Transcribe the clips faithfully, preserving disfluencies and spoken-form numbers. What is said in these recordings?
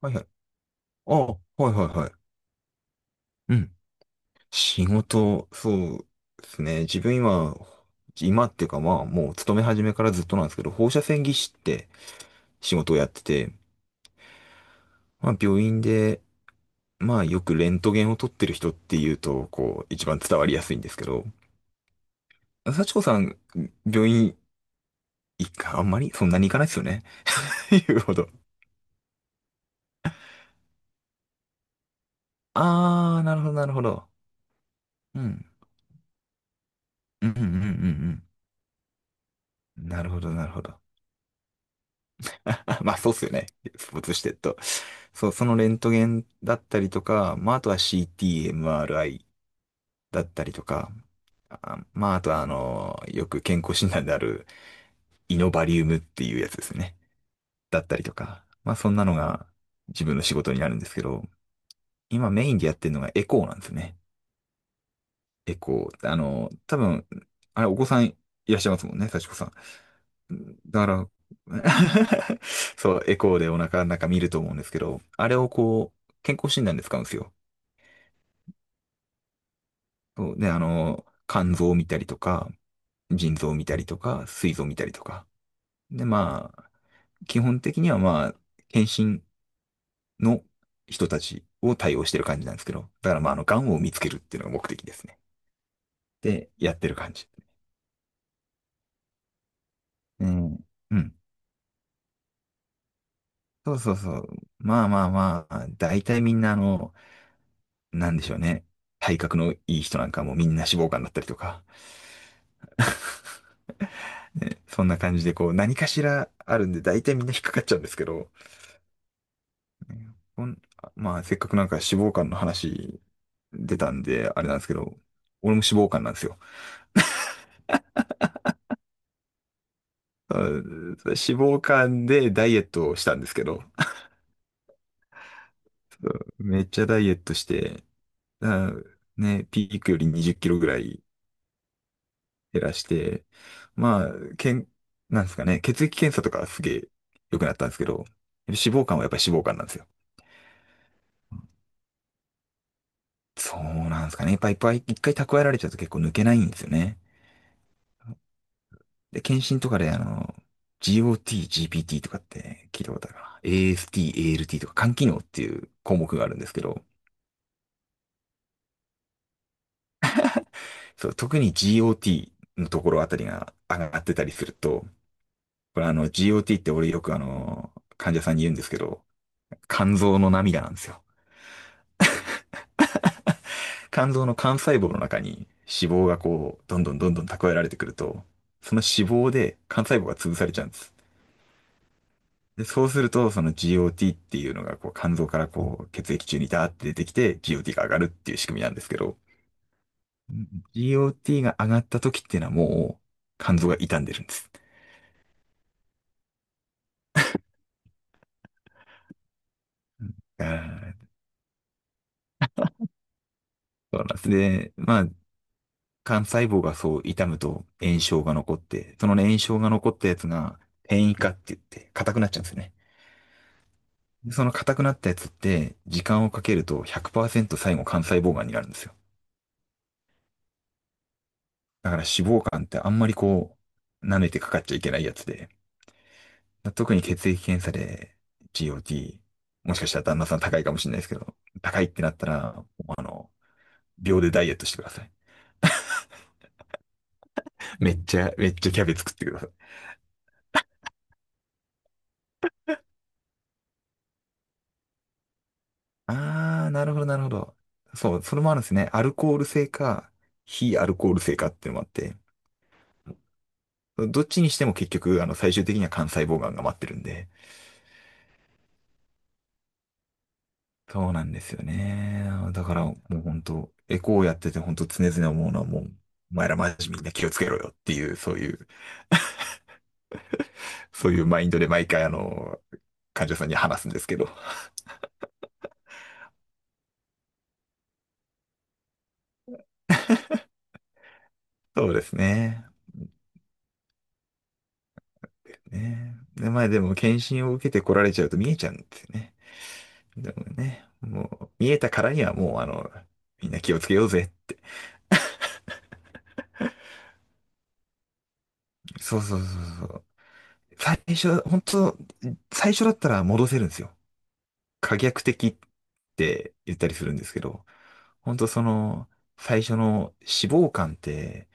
はいはい。あ、はいはいはい。うん。仕事、そうですね。自分今、今っていうかまあ、もう勤め始めからずっとなんですけど、放射線技師って仕事をやってて、まあ病院で、まあよくレントゲンを撮ってる人っていうと、こう、一番伝わりやすいんですけど、幸子さん、病院行か、あんまりそんなに行かないですよね。言うほど。あー、なるほどなるほど。うん。うんうんうんうんうん。なるほどなるほど。まあそうっすよね。スポーツしてると。そう、そのレントゲンだったりとか、まああとは シーティー、エムアールアイ だったりとか、あ、まああとはあの、よく健康診断であるイノバリウムっていうやつですね。だったりとか。まあそんなのが自分の仕事になるんですけど、今メインでやってるのがエコーなんですね。エコー。あの、多分、あれお子さんいらっしゃいますもんね、幸子さん。だから そう、エコーでお腹の中見ると思うんですけど、あれをこう、健康診断で使うんですよ。そうで、あの、肝臓を見たりとか、腎臓を見たりとか、膵臓を見たりとか。で、まあ、基本的にはまあ、検診の人たちを対応してる感じなんですけど、だからまあ、あの、癌を見つけるっていうのが目的ですね。で、やってる感じ。うん。うん。そうそうそう。まあまあまあ、大体みんなあの、なんでしょうね。体格のいい人なんかもうみんな脂肪肝だったりとか、ね、そんな感じでこう何かしらあるんで大体みんな引っかかっちゃうんですけど、ねこん、まあせっかくなんか脂肪肝の話出たんであれなんですけど、俺も脂肪肝なんですよ。あ脂肪肝でダイエットをしたんですけど、めっちゃダイエットして、あね、ピークよりにじゅっキロぐらい減らして、まあ、けん、なんですかね、血液検査とかすげえ良くなったんですけど、脂肪肝はやっぱり脂肪肝なんですよ。そうなんですかね。やっぱいっぱい一回蓄えられちゃうと結構抜けないんですよね。で、検診とかであの、GOT、ジーピーティー とかって聞いたことあるかな。エーエスティー、エーエルティー とか肝機能っていう項目があるんですけど、そう、特に ジーオーティー のところあたりが上がってたりすると、これあの ジーオーティー って俺よくあの、患者さんに言うんですけど、肝臓の涙なんですよ。肝臓の幹細胞の中に脂肪がこう、どんどんどんどん蓄えられてくると、その脂肪で幹細胞が潰されちゃうんです。で、そうすると、その ジーオーティー っていうのが、こう、肝臓からこう、血液中にダーって出てきて、ジーオーティー が上がるっていう仕組みなんですけど、うん ジーオーティー が上がった時っていうのはもう、肝臓が傷んでるんです。うん、あー、そうなんですね。まあ、幹細胞がそう傷むと炎症が残って、そのね炎症が残ったやつが、転移化って言って、硬くなっちゃうんですよね。その硬くなったやつって、時間をかけるとひゃくパーセント最後肝細胞がんになるんですよ。だから脂肪肝ってあんまりこう、舐めてかかっちゃいけないやつで、特に血液検査で ジーオーティー、もしかしたら旦那さん高いかもしれないですけど、高いってなったら、あの、秒でダイエットしてください。めっちゃ、めっちゃキャベツ食ってください。あー、なるほど、なるほど。そう、それもあるんですね。アルコール性か、非アルコール性かっていうのもあって、どっちにしても結局、あの、最終的には肝細胞がんが待ってるんで、そうなんですよね。だからもう本当、エコーやってて本当常々思うのはもう、お前らマジみんな気をつけろよっていう、そういう、そういうマインドで毎回あの、患者さんに話すんですけど。そうですね。ね。で、まあでも検診を受けて来られちゃうと見えちゃうんですよね。でもね、もう見えたからにはもうあの、みんな気をつけようぜって。そうそうそうそう。最初、本当、最初だったら戻せるんですよ。可逆的って言ったりするんですけど、本当その、最初の脂肪肝って、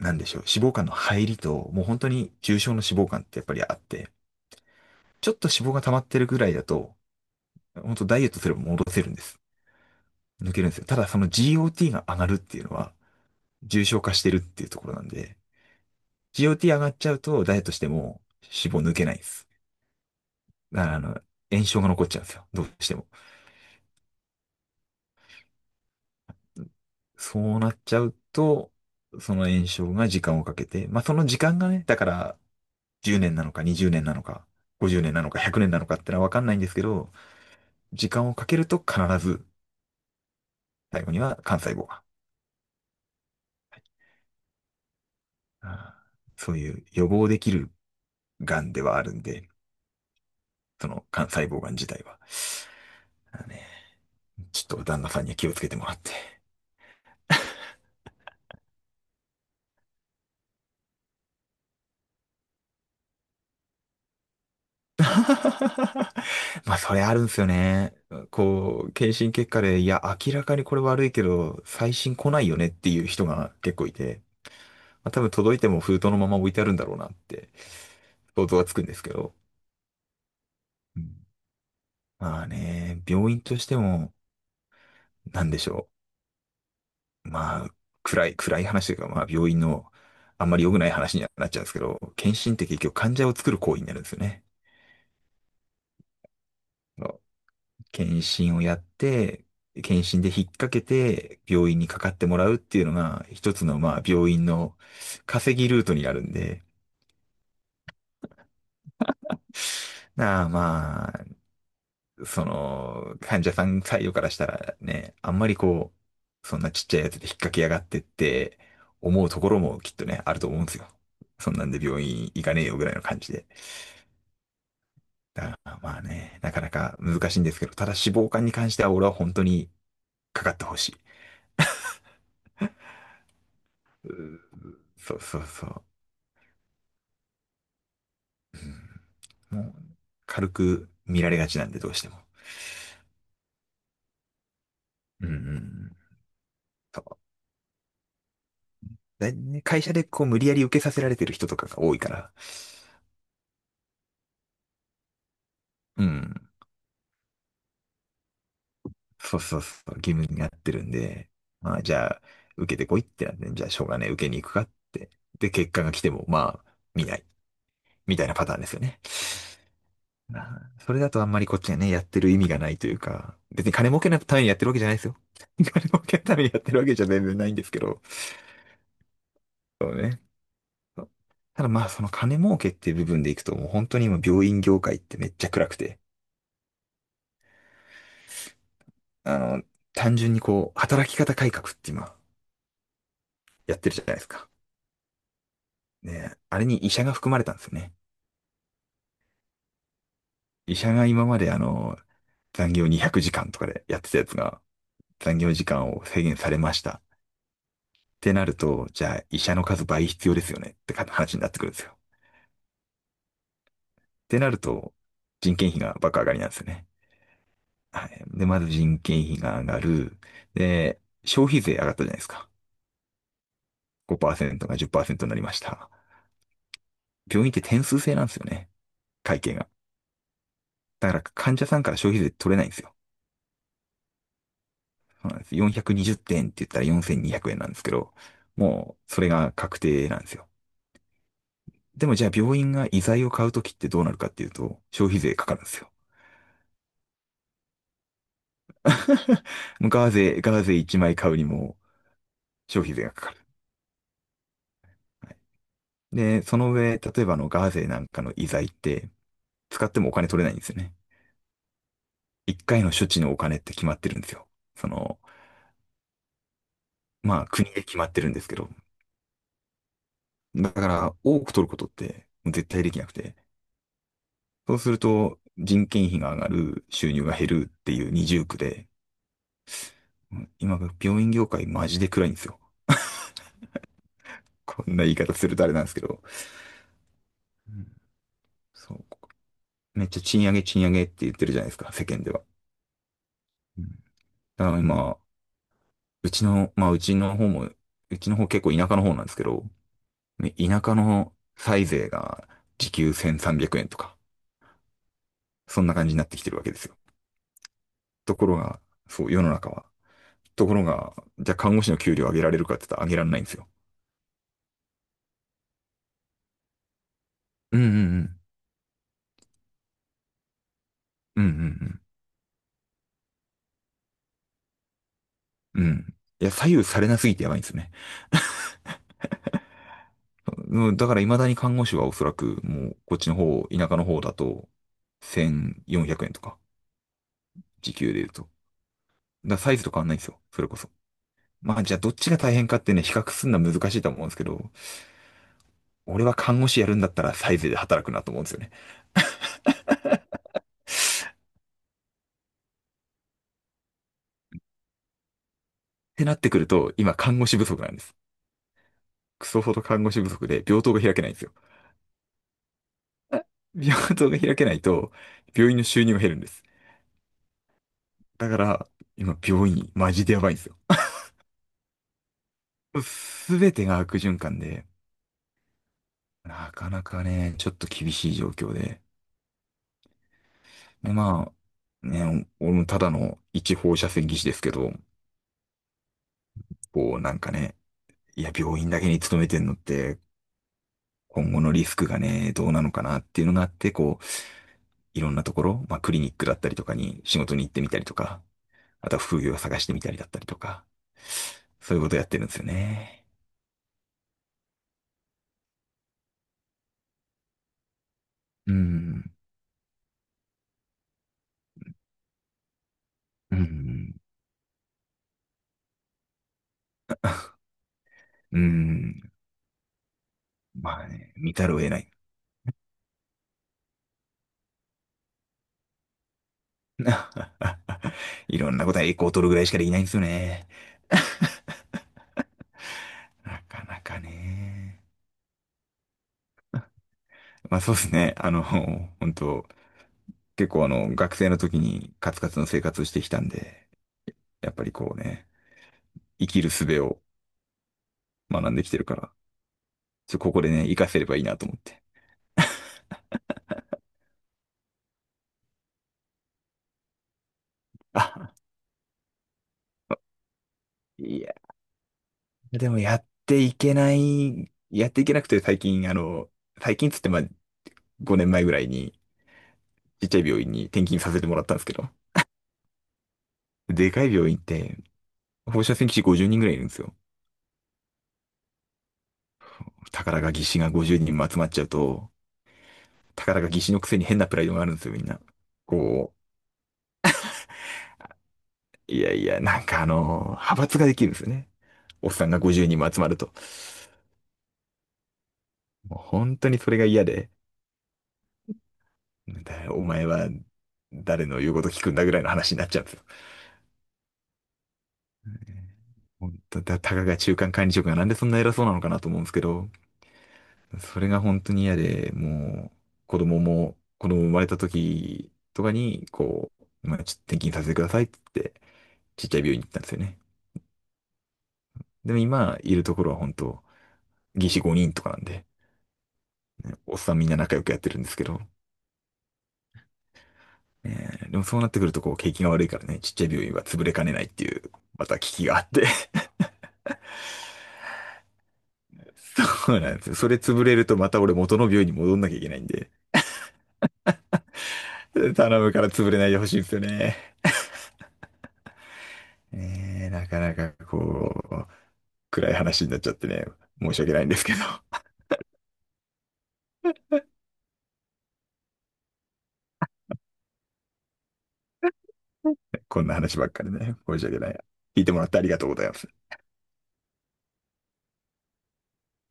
なんでしょう、脂肪肝の入りと、もう本当に重症の脂肪肝ってやっぱりあって、ちょっと脂肪が溜まってるぐらいだと、本当ダイエットすれば戻せるんです。抜けるんですよ。ただその ジーオーティー が上がるっていうのは、重症化してるっていうところなんで、ジーオーティー 上がっちゃうと、ダイエットしても脂肪抜けないです。だからあの、炎症が残っちゃうんですよ。どうしても。そうなっちゃうと、その炎症が時間をかけて、まあその時間がね、だからじゅうねんなのかにじゅうねんなのか、ごじゅうねんなのかひゃくねんなのかってのはわかんないんですけど、時間をかけると必ず最後には幹細胞が、あーそういう予防できるがんではあるんで、その幹細胞がん自体は、だからね、ちょっと旦那さんには気をつけてもらって。まあ、それあるんですよね。こう、検診結果で、いや、明らかにこれ悪いけど、最新来ないよねっていう人が結構いて、まあ、多分届いても封筒のまま置いてあるんだろうなって想像はつくんですけど。うん。まあね、病院としても、なんでしょう。まあ、暗い、暗い話というか、まあ、病院のあんまり良くない話にはなっちゃうんですけど、検診って結局患者を作る行為になるんですよね。検診をやって、検診で引っ掛けて病院にかかってもらうっていうのが一つのまあ病院の稼ぎルートになるんで、なあまあ、その患者さん採用からしたらね、あんまりこう、そんなちっちゃいやつで引っ掛けやがってって思うところもきっとね、あると思うんですよ。そんなんで病院行かねえよぐらいの感じで。だからまあね、なかなか難しいんですけど、ただ脂肪肝に関しては俺は本当にかかってほしい。うーそうそうそう。うん、もう、軽く見られがちなんで、どうしても。うんうん。そうでね会社でこう無理やり受けさせられてる人とかが多いから、うん。そうそうそう、義務になってるんで、まあじゃあ、受けてこいってなって、じゃあしょうがねえ、受けに行くかって。で、結果が来ても、まあ、見ない。みたいなパターンですよね。なそれだとあんまりこっちがね、やってる意味がないというか、別に金儲けのためにやってるわけじゃないですよ。金儲けのためにやってるわけじゃ全然ないんですけど、そうね。ただまあその金儲けっていう部分でいくともう本当に今病院業界ってめっちゃ暗くて、あの、単純にこう働き方改革って今やってるじゃないですか。ね、あれに医者が含まれたんですよね。医者が今まであの、残業にひゃくじかんとかでやってたやつが残業時間を制限されましたってなると、じゃあ医者の数倍必要ですよねってか話になってくるんですよ。ってなると、人件費が爆上がりなんですよね。はい。で、まず人件費が上がる。で、消費税上がったじゃないですか。ごパーセントがじゅっパーセントになりました。病院って点数制なんですよね。会計が。だから患者さんから消費税取れないんですよ。そうなんです。よんひゃくにじゅってんってんって言ったらよんせんにひゃくえんなんですけど、もうそれが確定なんですよ。でもじゃあ病院が医材を買うときってどうなるかっていうと、消費税かかるんですよ。ガーゼ、ガーゼいちまい買うにも消費税がかかる。はい。で、その上、例えばあのガーゼなんかの医材って使ってもお金取れないんですよね。いっかいの処置のお金って決まってるんですよ。その、まあ国で決まってるんですけど、だから多く取ることって絶対できなくて、そうすると人件費が上がる、収入が減るっていう二重苦で、今病院業界マジで暗いんですよ。こんな言い方するとあれなんですけど、うん、そう、めっちゃ賃上げ賃上げって言ってるじゃないですか、世間では。うん、だから今、うちの、まあうちの方も、うちの方結構田舎の方なんですけど、ね、田舎の歳税が時給せんさんびゃくえんとか、そんな感じになってきてるわけですよ。ところが、そう、世の中は。ところが、じゃあ看護師の給料上げられるかって言ったら上げられないんですよ。うんうんうんうんうんうん。うん。いや、左右されなすぎてやばいんですよね。うん、だから未だに看護師はおそらくもうこっちの方、田舎の方だとせんよんひゃくえんとか、時給で言うと。だからサイズと変わんないんですよ。それこそ。まあじゃあどっちが大変かってね、比較するのは難しいと思うんですけど、俺は看護師やるんだったらサイズで働くなと思うんですよね。ってなってくると、今看護師不足なんです。クソほど看護師不足で病棟が開けないんですよ。病棟が開けないと、病院の収入が減るんです。だから、今、病院、マジでやばいんですよ。すべてが悪循環で、なかなかね、ちょっと厳しい状況で。で、まあ、ね、お俺もただの一放射線技師ですけど、こう、なんかね、いや、病院だけに勤めてんのって、今後のリスクがね、どうなのかなっていうのがあって、こう、いろんなところ、まあ、クリニックだったりとかに仕事に行ってみたりとか、あとは副業を探してみたりだったりとか、そういうことやってるんですよね。うん。うん。うん。まあね、見ざるを得ない。いろんなことは栄光を取るぐらいしかできないんですよね。なかなかね。まあそうですね。あの、本当結構あの、学生の時にカツカツの生活をしてきたんで、やっぱりこうね、生きる術を学んできてるから、ちょ、ここでね、活かせればいいなと思って。あ、いや、でもやっていけない、やっていけなくて最近、あの、最近っつってまあごねんまえぐらいに、ちっちゃい病院に転勤させてもらったんですけど、でかい病院って放射線技師ごじゅうにんぐらいいるんですよ。宝が技師がごじゅうにんも集まっちゃうと、宝が技師のくせに変なプライドがあるんですよ、みんな。こう、いやいや、なんかあの、派閥ができるんですよね。おっさんがごじゅうにんも集まると。もう本当にそれが嫌で、だお前は誰の言うこと聞くんだぐらいの話になっちゃうんですよ。本当だ、たかが中間管理職がなんでそんな偉そうなのかなと思うんですけど、それが本当に嫌で、もう、子供も、子供生まれた時とかに、こう、まあ、ちょっと転勤させてくださいって言って、ちっちゃい病院に行ったんですよね。でも今、いるところは本当、技師ごにんとかなんで、おっさんみんな仲良くやってるんですけど、えーでもそうなってくると、こう、景気が悪いからね、ちっちゃい病院は潰れかねないっていう、また危機があって。そうなんですよ。それ潰れるとまた俺元の病院に戻んなきゃいけないんで、頼むから潰れないでほしいんですよね。えーなかなかこう、暗い話になっちゃってね、申し訳ないんですけど、こんな話ばっかりね、申し訳ない。聞いてもらってありがとうございます。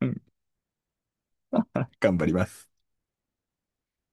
うん、頑張ります。